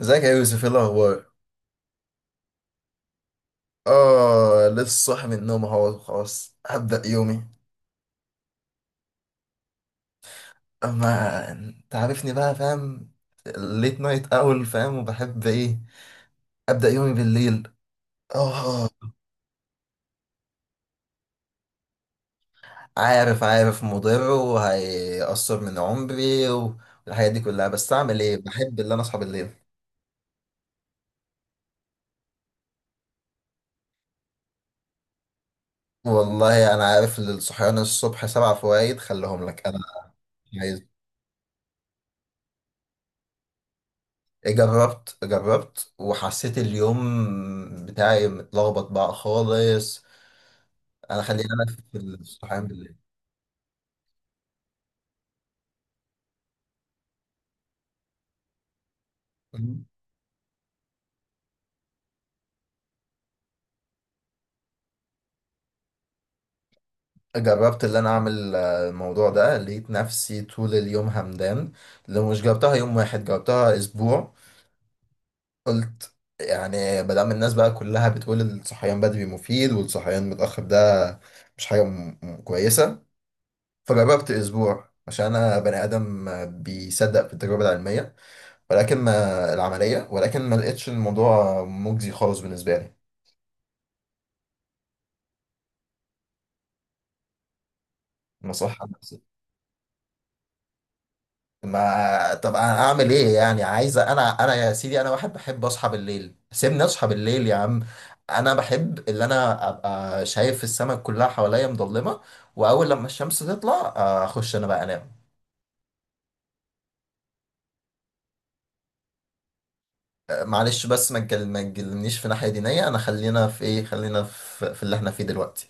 ازيك يا يوسف؟ ايه الاخبار؟ اه، لسه صاحي من النوم اهو. خلاص هبدأ يومي. اما انت عارفني بقى، فاهم؟ ليت نايت اول، فاهم؟ وبحب ايه؟ ابدأ يومي بالليل. اه. عارف، عارف مضر وهيأثر من عمري والحاجات دي كلها، بس اعمل ايه؟ بحب اللي انا اصحى بالليل. والله انا عارف ان الصحيان الصبح سبع فوائد، خليهم لك. انا عايز. جربت، جربت وحسيت اليوم بتاعي متلخبط بقى خالص. انا، خلينا انا في الصحيان بالليل. مم. جربت اللي انا اعمل الموضوع ده، لقيت نفسي طول اليوم همدان. لو مش جربتها يوم واحد جربتها اسبوع. قلت يعني، ما دام الناس بقى كلها بتقول الصحيان بدري مفيد والصحيان متأخر ده مش حاجة كويسة. فجربت اسبوع عشان انا بني ادم بيصدق في التجربة العلمية. ولكن ما لقيتش الموضوع مجزي خالص بالنسبة لي. نصيحة. ما طب انا اعمل ايه يعني؟ عايز انا يا سيدي، انا واحد بحب اصحى بالليل. سيبني اصحى بالليل يا عم. انا بحب اللي انا ابقى شايف السماء كلها حواليا مظلمه. واول لما الشمس تطلع اخش انا بقى انام. معلش، بس ما تجلنيش في ناحيه دينيه. انا خلينا في ايه؟ خلينا في اللي احنا فيه دلوقتي.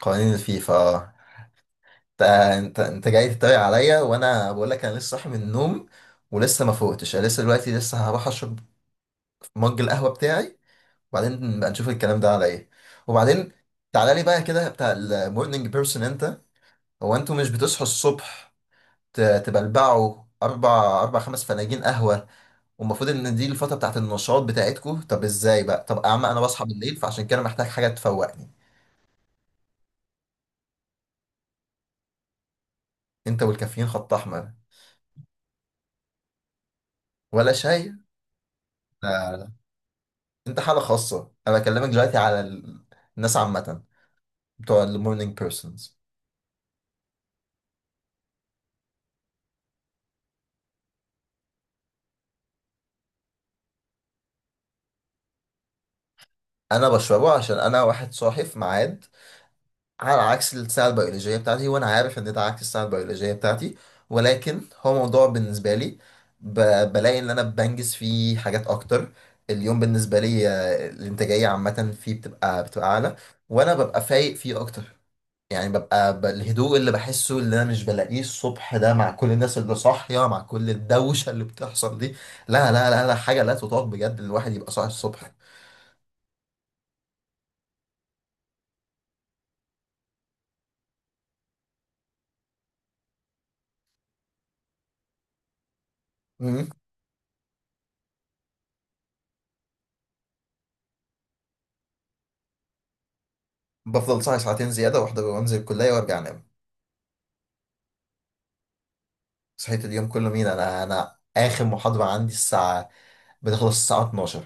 قوانين الفيفا؟ آه. انت جاي تتريق عليا، وانا بقول لك انا لسه صاحي من النوم ولسه ما فوقتش. أنا لسه دلوقتي لسه هروح اشرب مج القهوه بتاعي، وبعدين نبقى نشوف الكلام ده على ايه. وبعدين، تعالى لي بقى كده، بتاع المورنينج بيرسون انت. هو انتوا مش بتصحوا الصبح ت- تبلبعوا اربع خمس فناجين قهوه؟ والمفروض ان دي الفتره بتاعت النشاط بتاعتكم. طب ازاي بقى؟ طب يا عم، انا بصحى بالليل فعشان كده محتاج حاجه تفوقني. انت والكافيين خط احمر؟ ولا شاي؟ لا، لا. انت حاله خاصه، انا بكلمك دلوقتي على الناس عامه، بتوع المورنينج بيرسونز. انا بشربه عشان انا واحد صاحي في ميعاد، على عكس الساعة البيولوجية بتاعتي، وأنا عارف إن ده عكس الساعة البيولوجية بتاعتي. ولكن هو موضوع بالنسبة لي، ب... بلاقي إن أنا بنجز فيه حاجات أكتر. اليوم بالنسبة لي الإنتاجية عامة فيه بتبقى أعلى، وأنا ببقى فايق فيه أكتر. يعني ببقى الهدوء اللي بحسه، اللي أنا مش بلاقيه الصبح ده، مع كل الناس اللي صاحية، مع كل الدوشة اللي بتحصل دي، لا، لا، لا، لا حاجة لا تطاق بجد. الواحد يبقى صاحي الصبح. مم. بفضل صاحي ساعتين زيادة، واحدة، وأنزل الكلية وأرجع أنام. صحيت اليوم كله مين؟ انا اخر محاضرة عندي الساعة بتخلص، الساعة 12.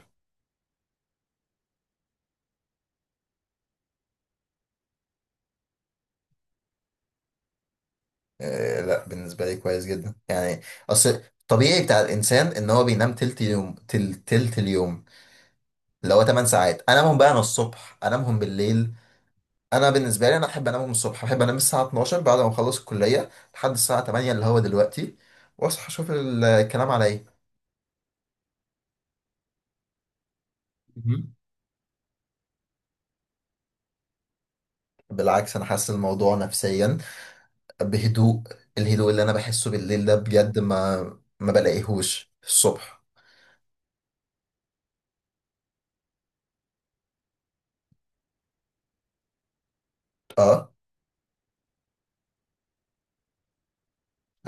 آه لا، بالنسبة لي كويس جدا يعني. اصل الطبيعي بتاع الانسان ان هو بينام تلت يوم، تلت اليوم، اللي هو 8 ساعات. انامهم بقى انا الصبح؟ انامهم بالليل. انا بالنسبة لي انا احب انامهم الصبح. احب انام الساعة 12 بعد ما اخلص الكلية لحد الساعة 8 اللي هو دلوقتي، واصحى اشوف الكلام على ايه. مهم. بالعكس، انا حاسس الموضوع نفسيا بهدوء. الهدوء اللي انا بحسه بالليل ده بجد ما بلاقيهوش الصبح. اه،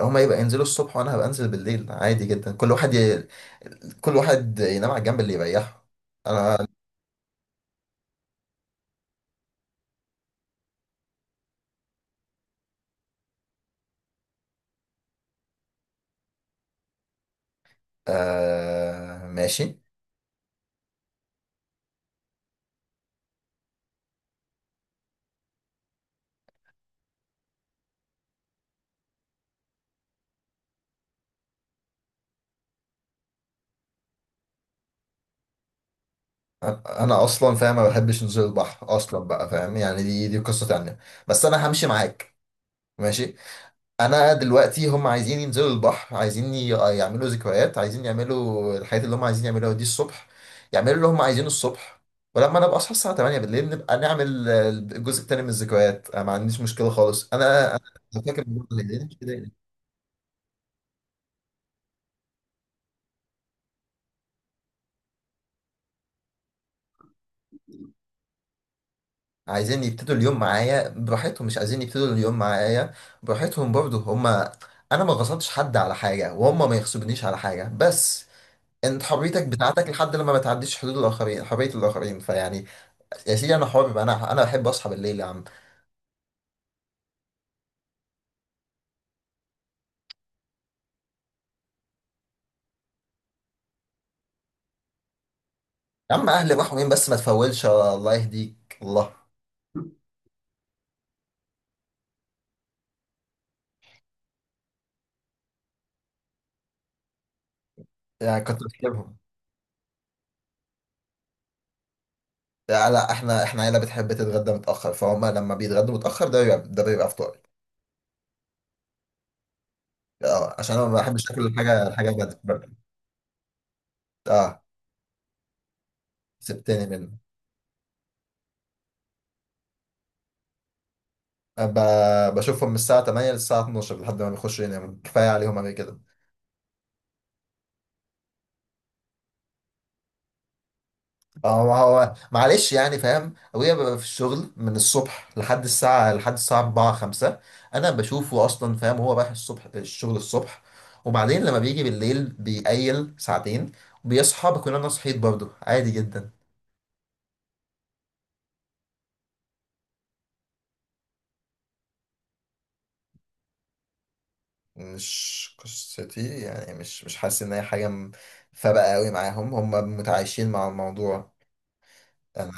هما يبقى ينزلوا الصبح وانا هبقى انزل بالليل عادي جدا. كل واحد ينام على الجنب اللي يريحه. انا، آه ماشي. انا اصلا فاهم ما بحبش نزول البحر اصلا بقى، فاهم يعني؟ دي قصة تانية. بس انا همشي معاك. ماشي، انا دلوقتي هم عايزين ينزلوا البحر، عايزين يعملوا ذكريات، عايزين يعملوا الحاجات اللي هم عايزين يعملوها دي الصبح، يعملوا اللي هم عايزينه الصبح. ولما انا ابقى اصحى الساعه 8 بالليل، نبقى نعمل الجزء التاني من الذكريات. انا ما عنديش مشكله خالص، انا فاكر الموضوع ده ليه؟ مش كده؟ عايزين يبتدوا اليوم معايا براحتهم، مش عايزين يبتدوا اليوم معايا براحتهم برضه، هم. انا ما غصبتش حد على حاجه وهم ما يغصبونيش على حاجه. بس انت حريتك بتاعتك لحد لما ما تعديش حدود الاخرين، حريه الاخرين، فيعني، يا سيدي انا حر بقى، انا بحب اصحى بالليل يا عم. يا عم اهلي محرومين بس ما تفولش، الله يهديك. الله يعني كنت بكلمهم. لا، لا، احنا عيله بتحب تتغدى متاخر، فهم لما بيتغدوا متاخر ده بيبقى فطاري. اه، عشان انا ما بحبش اكل الحاجه بدري بدري. اه، سبتني منه. بشوفهم من الساعه 8 للساعه 12 لحد ما بيخشوا يناموا، كفايه عليهم قبل كده. اه، ما هو معلش يعني فاهم. ابويا بيبقى في الشغل من الصبح لحد الساعة 4 5. انا بشوفه اصلا فاهم، هو رايح الصبح الشغل الصبح، وبعدين لما بيجي بالليل بيقيل ساعتين، وبيصحى بكون انا صحيت برضه عادي جدا. مش قصتي يعني، مش حاسس ان هي حاجة فارقة قوي معاهم. هم متعايشين مع الموضوع. انا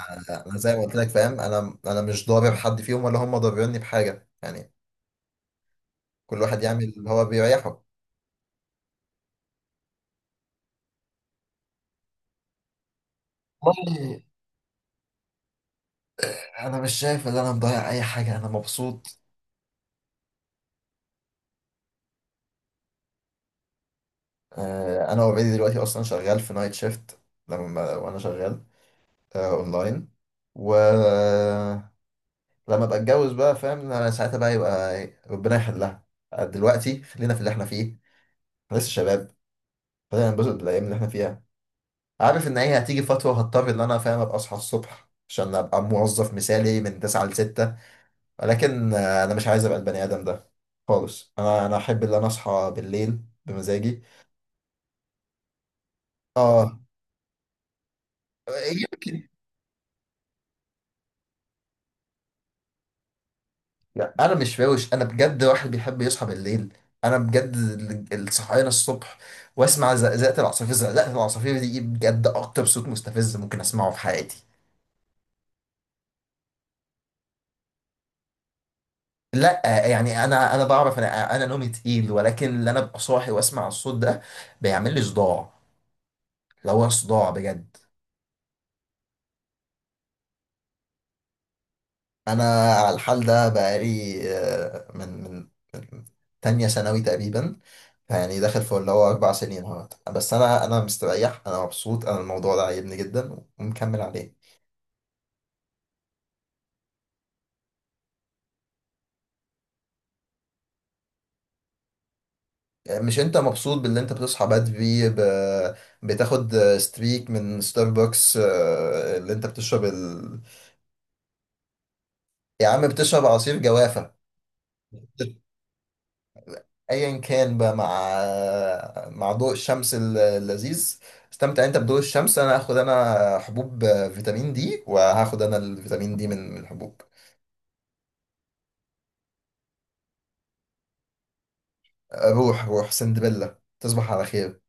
انا زي ما قلت لك فاهم، انا مش ضارب حد فيهم ولا هم ضاربيني بحاجة يعني. كل واحد يعمل اللي هو بيريحه. والله انا مش شايف ان انا مضيع اي حاجه، انا مبسوط. انا اوريدي دلوقتي اصلا شغال في نايت شيفت، لما وانا شغال اونلاين. ولما ابقى اتجوز بقى فاهم إن انا ساعتها بقى يبقى ربنا يحلها. دلوقتي خلينا في اللي احنا فيه. احنا لسه شباب، خلينا ننبسط بالايام اللي احنا فيها. عارف ان هي هتيجي فتره وهضطر ان انا فاهم ابقى اصحى الصبح عشان ابقى موظف مثالي من 9 ل 6. ولكن انا مش عايز ابقى البني ادم ده خالص. انا احب ان انا اصحى بالليل بمزاجي. اه، يمكن. لا، انا مش فاوش، انا بجد واحد بيحب يصحى بالليل. انا بجد الصحيان الصبح، واسمع زقزقه العصافير. زقزقه العصافير دي بجد اكتر صوت مستفز ممكن اسمعه في حياتي. لا يعني، انا بعرف انا نومي تقيل، ولكن اللي انا ابقى صاحي واسمع الصوت ده بيعمل لي صداع، لو هو صداع بجد. انا على الحال ده بقالي من تانية ثانوي تقريبا. يعني داخل في اللي هو 4 سنين اهوت، بس انا مستريح انا مبسوط. انا الموضوع ده عاجبني جدا ومكمل عليه. مش انت مبسوط باللي انت بتصحى بدري، بتاخد ستريك من ستاربكس اللي انت بتشرب يا عم بتشرب عصير جوافة؟ ايا كان بقى، مع ضوء الشمس اللذيذ. استمتع انت بضوء الشمس، انا هاخد انا حبوب فيتامين دي، وهاخد انا الفيتامين دي من الحبوب. روح روح سندبيلا، تصبح على خير.